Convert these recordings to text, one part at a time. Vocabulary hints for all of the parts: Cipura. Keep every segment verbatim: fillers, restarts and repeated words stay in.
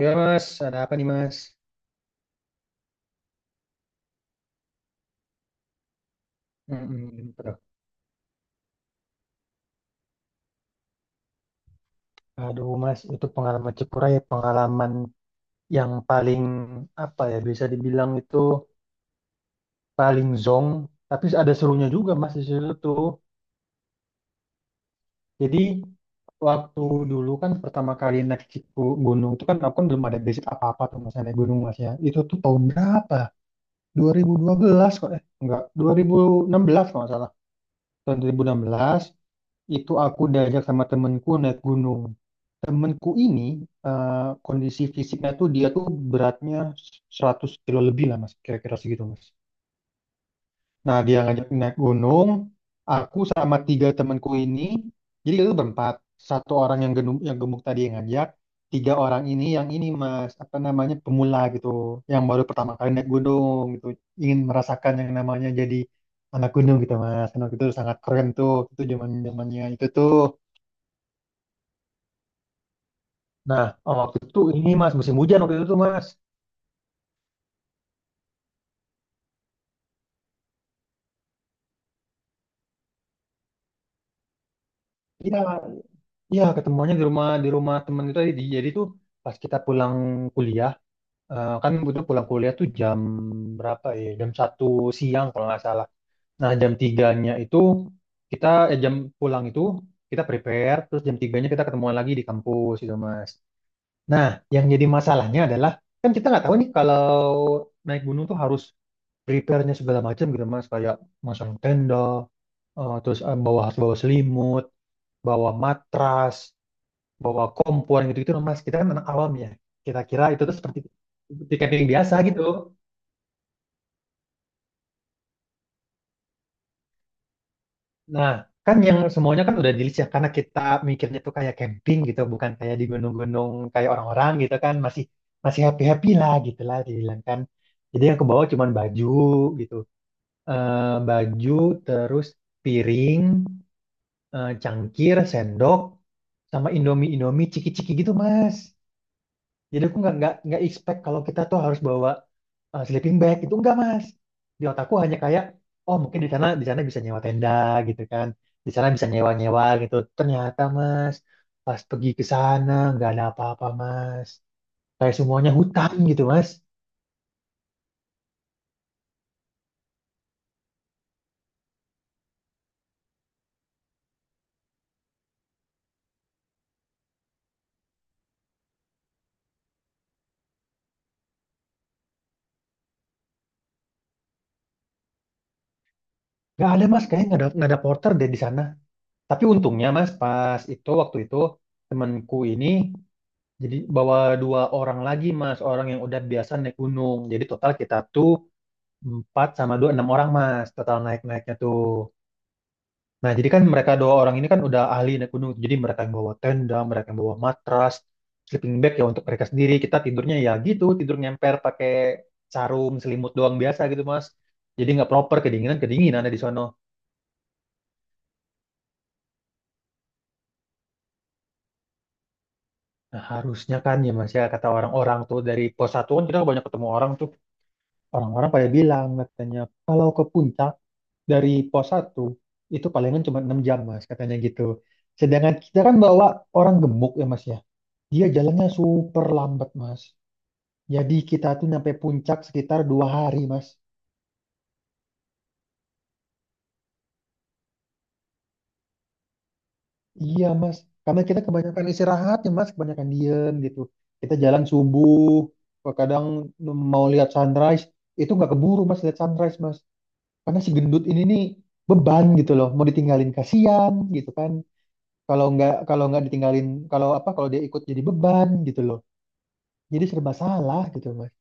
Ya mas, ada apa nih mas? Mm-mm, gitu. Dong. Aduh mas, itu pengalaman Cipura ya pengalaman yang paling apa ya bisa dibilang itu paling zong, tapi ada serunya juga mas di situ tuh. Jadi waktu dulu kan pertama kali naik Cipu gunung itu kan aku kan belum ada basic apa-apa tuh mas naik gunung mas ya. Itu tuh tahun berapa? dua ribu dua belas kok eh enggak dua ribu enam belas kalau nggak salah. Tahun dua ribu enam belas itu aku diajak sama temenku naik gunung. Temenku ini eh, kondisi fisiknya tuh dia tuh beratnya seratus kilo lebih lah mas, kira-kira segitu mas. Nah, dia ngajak naik gunung. Aku sama tiga temanku ini, jadi itu berempat. Satu orang yang gemuk, yang gemuk tadi yang ngajak, tiga orang ini yang ini mas, apa namanya pemula gitu, yang baru pertama kali naik gunung gitu, ingin merasakan yang namanya jadi anak gunung gitu mas. Karena waktu itu sangat keren tuh, itu zaman zamannya itu tuh. Nah, oh, waktu itu ini mas musim hujan waktu itu tuh mas. Iya, iya ketemuannya di rumah di rumah teman itu tadi. Jadi tuh pas kita pulang kuliah Eh, kan butuh pulang kuliah tuh jam berapa ya? Jam satu siang kalau nggak salah. Nah, jam tiga itu kita eh, jam pulang itu kita prepare, terus jam tiga kita ketemuan lagi di kampus gitu, Mas. Nah, yang jadi masalahnya adalah kan kita nggak tahu nih kalau naik gunung tuh harus prepare-nya segala macam gitu, Mas, kayak masang tenda, eh, terus eh, bawa harus bawa selimut, bawa matras, bawa kompor gitu-gitu, Mas. Kita kan anak awam ya. Kita kira itu tuh seperti seperti camping biasa gitu. Nah, kan yang semuanya kan udah di list ya, karena kita mikirnya tuh kayak camping gitu, bukan kayak di gunung-gunung kayak orang-orang gitu kan, masih masih happy-happy lah gitu lah dibilang kan. Jadi yang ke bawah cuman baju gitu. Eh, baju, terus piring, eh, cangkir, sendok, sama Indomie-Indomie ciki-ciki gitu, Mas. Jadi aku nggak nggak nggak expect kalau kita tuh harus bawa eh, sleeping bag itu enggak mas. Di otakku hanya kayak oh mungkin di sana di sana bisa nyewa tenda gitu kan, di sana bisa nyewa nyewa gitu. Ternyata mas pas pergi ke sana nggak ada apa-apa mas. Kayak semuanya hutan gitu mas. Nggak ada mas kayaknya nggak ada nggak ada porter deh di sana. Tapi untungnya mas pas itu waktu itu temanku ini jadi bawa dua orang lagi mas orang yang udah biasa naik gunung. Jadi total kita tuh empat sama dua, enam orang mas, total naik-naiknya tuh. Nah, jadi kan mereka dua orang ini kan udah ahli naik gunung. Jadi mereka yang bawa tenda, mereka yang bawa matras, sleeping bag ya untuk mereka sendiri. Kita tidurnya ya gitu, tidur nyemper pakai sarung, selimut doang biasa gitu mas. Jadi nggak proper, kedinginan-kedinginan ada di sono. Nah, harusnya kan ya mas ya, kata orang-orang tuh dari pos satu kan kita banyak ketemu orang tuh. Orang-orang pada bilang katanya, kalau ke puncak dari pos satu itu palingan cuma enam jam mas katanya gitu. Sedangkan kita kan bawa orang gemuk ya mas ya. Dia jalannya super lambat mas. Jadi kita tuh nyampe puncak sekitar dua hari mas. Iya mas. Karena kita kebanyakan istirahat ya mas, kebanyakan diem gitu. Kita jalan subuh, kadang mau lihat sunrise, itu nggak keburu mas lihat sunrise mas. Karena si gendut ini nih beban gitu loh, mau ditinggalin kasihan gitu kan. kalau nggak kalau nggak ditinggalin kalau apa kalau dia ikut jadi beban gitu loh jadi serba salah gitu mas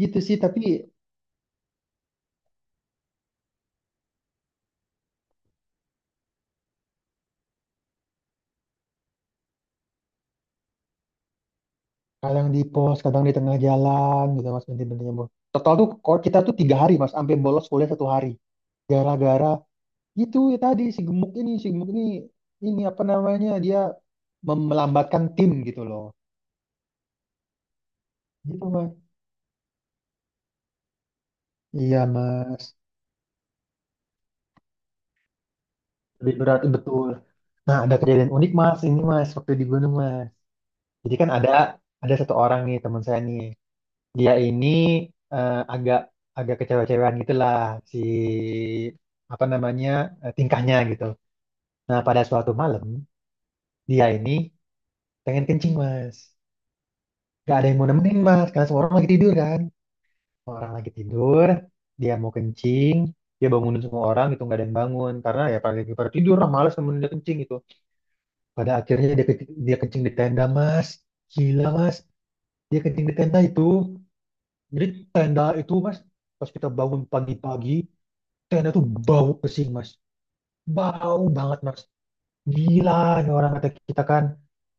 gitu sih tapi kadang di pos kadang di tengah jalan gitu mas berhenti-berhentinya bu total tuh kalau kita tuh tiga hari mas sampai bolos kuliah satu hari gara-gara itu ya tadi si gemuk ini si gemuk ini ini apa namanya dia mem- melambatkan tim gitu loh gitu mas iya mas lebih berat betul. Nah ada kejadian unik mas ini mas waktu di gunung mas. Jadi kan ada ada satu orang nih teman saya nih dia ini eh, agak agak kecewa-cewaan gitulah si apa namanya eh, tingkahnya gitu. Nah pada suatu malam dia ini pengen kencing mas, gak ada yang mau nemenin mas karena semua orang lagi tidur kan, semua orang lagi tidur, dia mau kencing, dia bangunin semua orang itu nggak ada yang bangun karena ya pada lagi pada tidur lah malas nemenin dia kencing gitu. Pada akhirnya dia ke- dia kencing di tenda mas, gila mas, dia kencing di tenda itu, jadi tenda itu mas pas kita bangun pagi-pagi tenda tuh bau pesing mas bau banget mas gila ini orang kata kita kan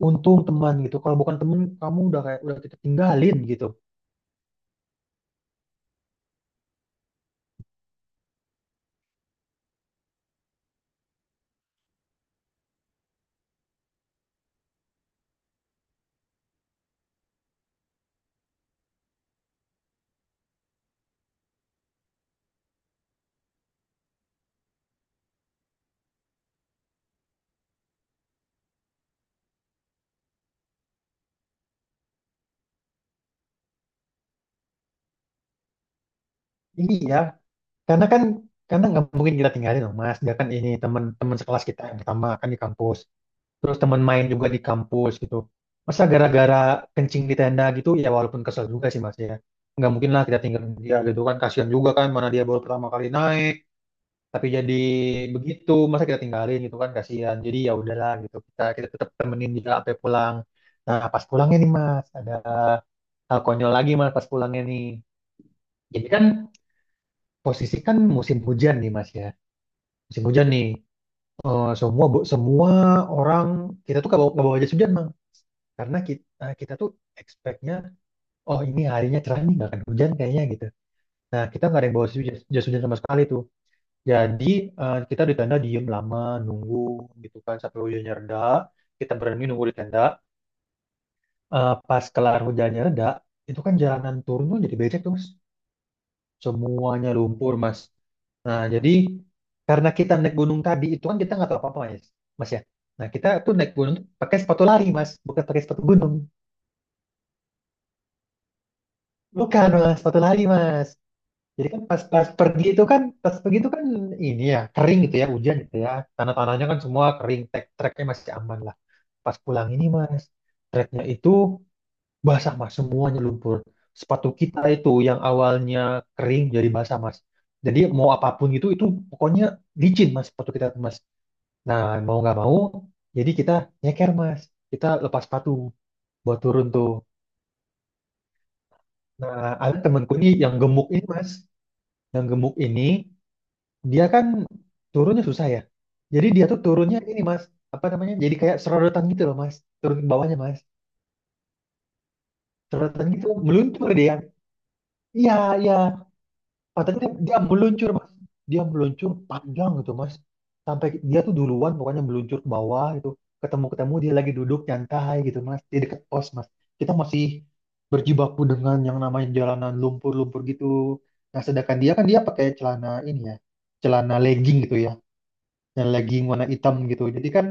untung teman gitu kalau bukan teman, kamu udah kayak udah kita tinggalin gitu iya karena kan karena nggak mungkin kita tinggalin dong mas dia kan ini teman-teman sekelas kita yang pertama kan di kampus terus teman main juga di kampus gitu masa gara-gara kencing di tenda gitu ya walaupun kesel juga sih mas ya nggak mungkin lah kita tinggalin dia gitu kan kasihan juga kan mana dia baru pertama kali naik tapi jadi begitu masa kita tinggalin gitu kan kasihan jadi ya udahlah gitu kita kita tetap temenin dia sampai pulang. Nah pas pulangnya nih mas ada hal konyol lagi mas pas pulangnya nih jadi kan posisi kan musim hujan nih mas ya musim hujan nih. Eh, semua bu- semua orang kita tuh nggak bawa nggak bawa jas hujan mang karena kita kita tuh expectnya oh ini harinya cerah nih nggak akan hujan kayaknya gitu nah kita nggak ada yang bawa jas, jas hujan sama sekali tuh. Jadi eh, kita di tenda diem lama nunggu gitu kan sampai hujannya reda. Kita berani nunggu di tenda. Eh, pas kelar hujannya reda, itu kan jalanan turun tuh jadi becek tuh mas. Semuanya lumpur mas. Nah jadi karena kita naik gunung tadi itu kan kita nggak tahu apa-apa mas. Mas ya. Nah kita tuh naik gunung tuh pakai sepatu lari mas, bukan pakai sepatu gunung. Bukan mas, sepatu lari mas. Jadi kan pas pas pergi itu kan pas pergi itu kan ini ya kering gitu ya hujan gitu ya tanah-tanahnya kan semua kering trek treknya masih aman. Pas pulang ini mas, treknya itu basah mas, semuanya lumpur. Sepatu kita itu yang awalnya kering jadi basah mas. Jadi mau apapun gitu, itu pokoknya licin mas sepatu kita mas. Nah mau nggak mau, jadi kita nyeker mas. Kita lepas sepatu buat turun tuh. Nah ada temanku ini yang gemuk ini mas, yang gemuk ini dia kan turunnya susah ya. Jadi dia tuh turunnya ini mas, apa namanya? Jadi kayak sorotan gitu loh mas, turun ke bawahnya mas sorotan gitu meluntur dia. Iya, iya. Patentnya dia dia meluncur, Mas. Dia meluncur panjang gitu, Mas. Sampai dia tuh duluan pokoknya meluncur ke bawah gitu. Ketemu-ketemu dia lagi duduk nyantai gitu, Mas. Di dekat pos, Mas. Kita masih berjibaku dengan yang namanya jalanan lumpur-lumpur gitu. Nah, sedangkan dia kan dia pakai celana ini ya. Celana legging gitu ya. Dan legging warna hitam gitu. Jadi kan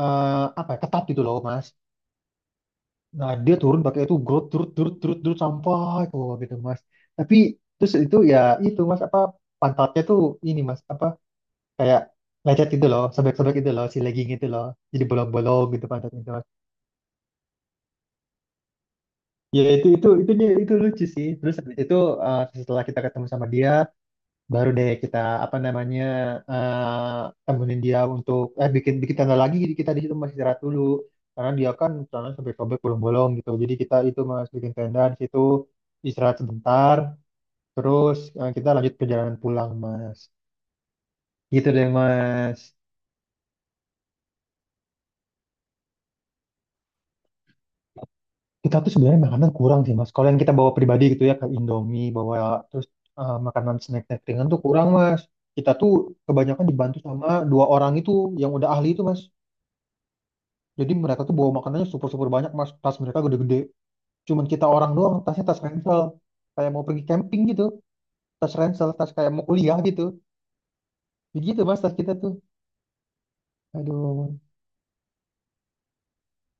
eh, apa ya, ketat gitu loh, Mas. Nah, dia turun pakai itu grut turut turut turut turut sampai keluar gitu mas. Tapi terus itu ya itu mas apa pantatnya tuh ini mas apa kayak lecet gitu loh, sobek-sobek gitu loh, si legging itu loh, jadi bolong-bolong gitu pantatnya itu mas. Ya itu itu itu dia itu lucu sih. Terus habis itu eh, setelah kita ketemu sama dia, baru deh kita apa namanya eh temenin dia untuk eh bikin bikin tanda lagi jadi kita di situ masih istirahat dulu karena dia kan tangan sampai sobek bolong-bolong gitu jadi kita itu mas bikin tenda di situ istirahat sebentar terus eh, kita lanjut perjalanan pulang mas gitu deh mas. Kita tuh sebenarnya makanan kurang sih mas kalau yang kita bawa pribadi gitu ya ke Indomie bawa terus eh, makanan snack-snack ringan tuh kurang mas kita tuh kebanyakan dibantu sama dua orang itu yang udah ahli itu mas. Jadi mereka tuh bawa makanannya super-super banyak, mas. Tas mereka gede-gede. Cuman kita orang doang, tasnya tas ransel. Kayak mau pergi camping gitu. Tas ransel, tas kayak mau kuliah gitu. Begitu, mas, tas kita tuh. Aduh,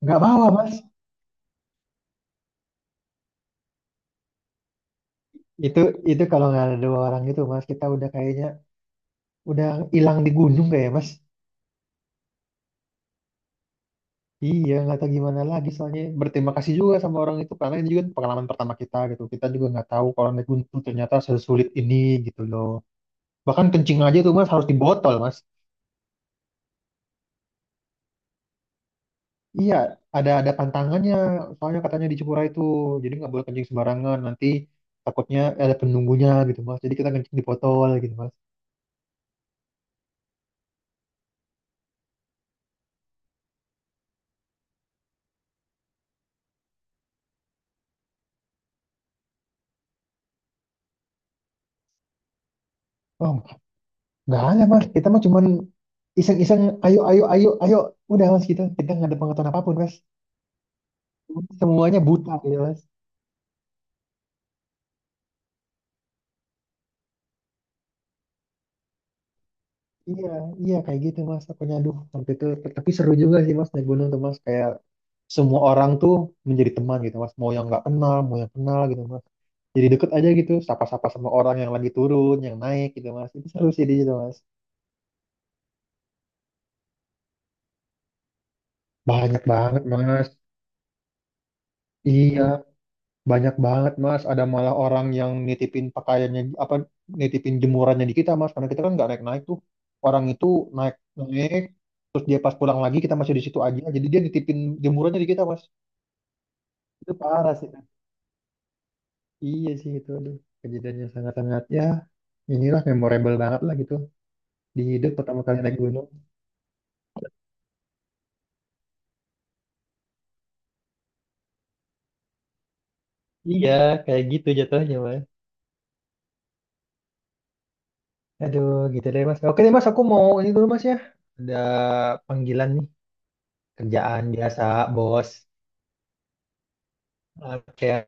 nggak bawa, mas. Itu itu kalau nggak ada dua orang gitu, mas. Kita udah kayaknya udah hilang di gunung kayak, ya, mas. Iya, nggak tahu gimana lagi soalnya. Berterima kasih juga sama orang itu karena ini juga pengalaman pertama kita gitu. Kita juga nggak tahu kalau naik gunung tuh ternyata sesulit ini gitu loh. Bahkan kencing aja tuh, mas, harus di botol, mas. Iya, ada ada pantangannya. Soalnya katanya di Cipura itu, jadi nggak boleh kencing sembarangan. Nanti takutnya ada penunggunya gitu mas. Jadi kita kencing di botol gitu mas. Oh, nggak ada mas. Kita mah cuman iseng-iseng. Ayo, ayo, ayo, ayo. Udah mas kita kita nggak ada pengetahuan apapun mas. Semuanya buta gitu mas. Iya, iya kayak gitu mas. Takutnya aduh sampai itu. Tapi seru juga sih mas naik gunung tuh mas. Kayak semua orang tuh menjadi teman gitu mas. Mau yang nggak kenal, mau yang kenal gitu mas. Jadi deket aja gitu sapa-sapa sama orang yang lagi turun yang naik gitu mas itu seru sih di situ mas banyak banget mas iya banyak banget mas ada malah orang yang nitipin pakaiannya apa nitipin jemurannya di kita mas karena kita kan nggak naik-naik tuh orang itu naik naik terus dia pas pulang lagi kita masih di situ aja jadi dia nitipin jemurannya di kita mas itu parah sih Mas. Iya sih itu aduh kejadiannya sangat-sangat ya inilah memorable banget lah gitu di hidup pertama kali naik gunung iya kayak gitu jatuhnya mas. Aduh, gitu deh mas. Oke deh mas, aku mau ini dulu mas ya. Ada panggilan nih, kerjaan biasa, bos. Oke,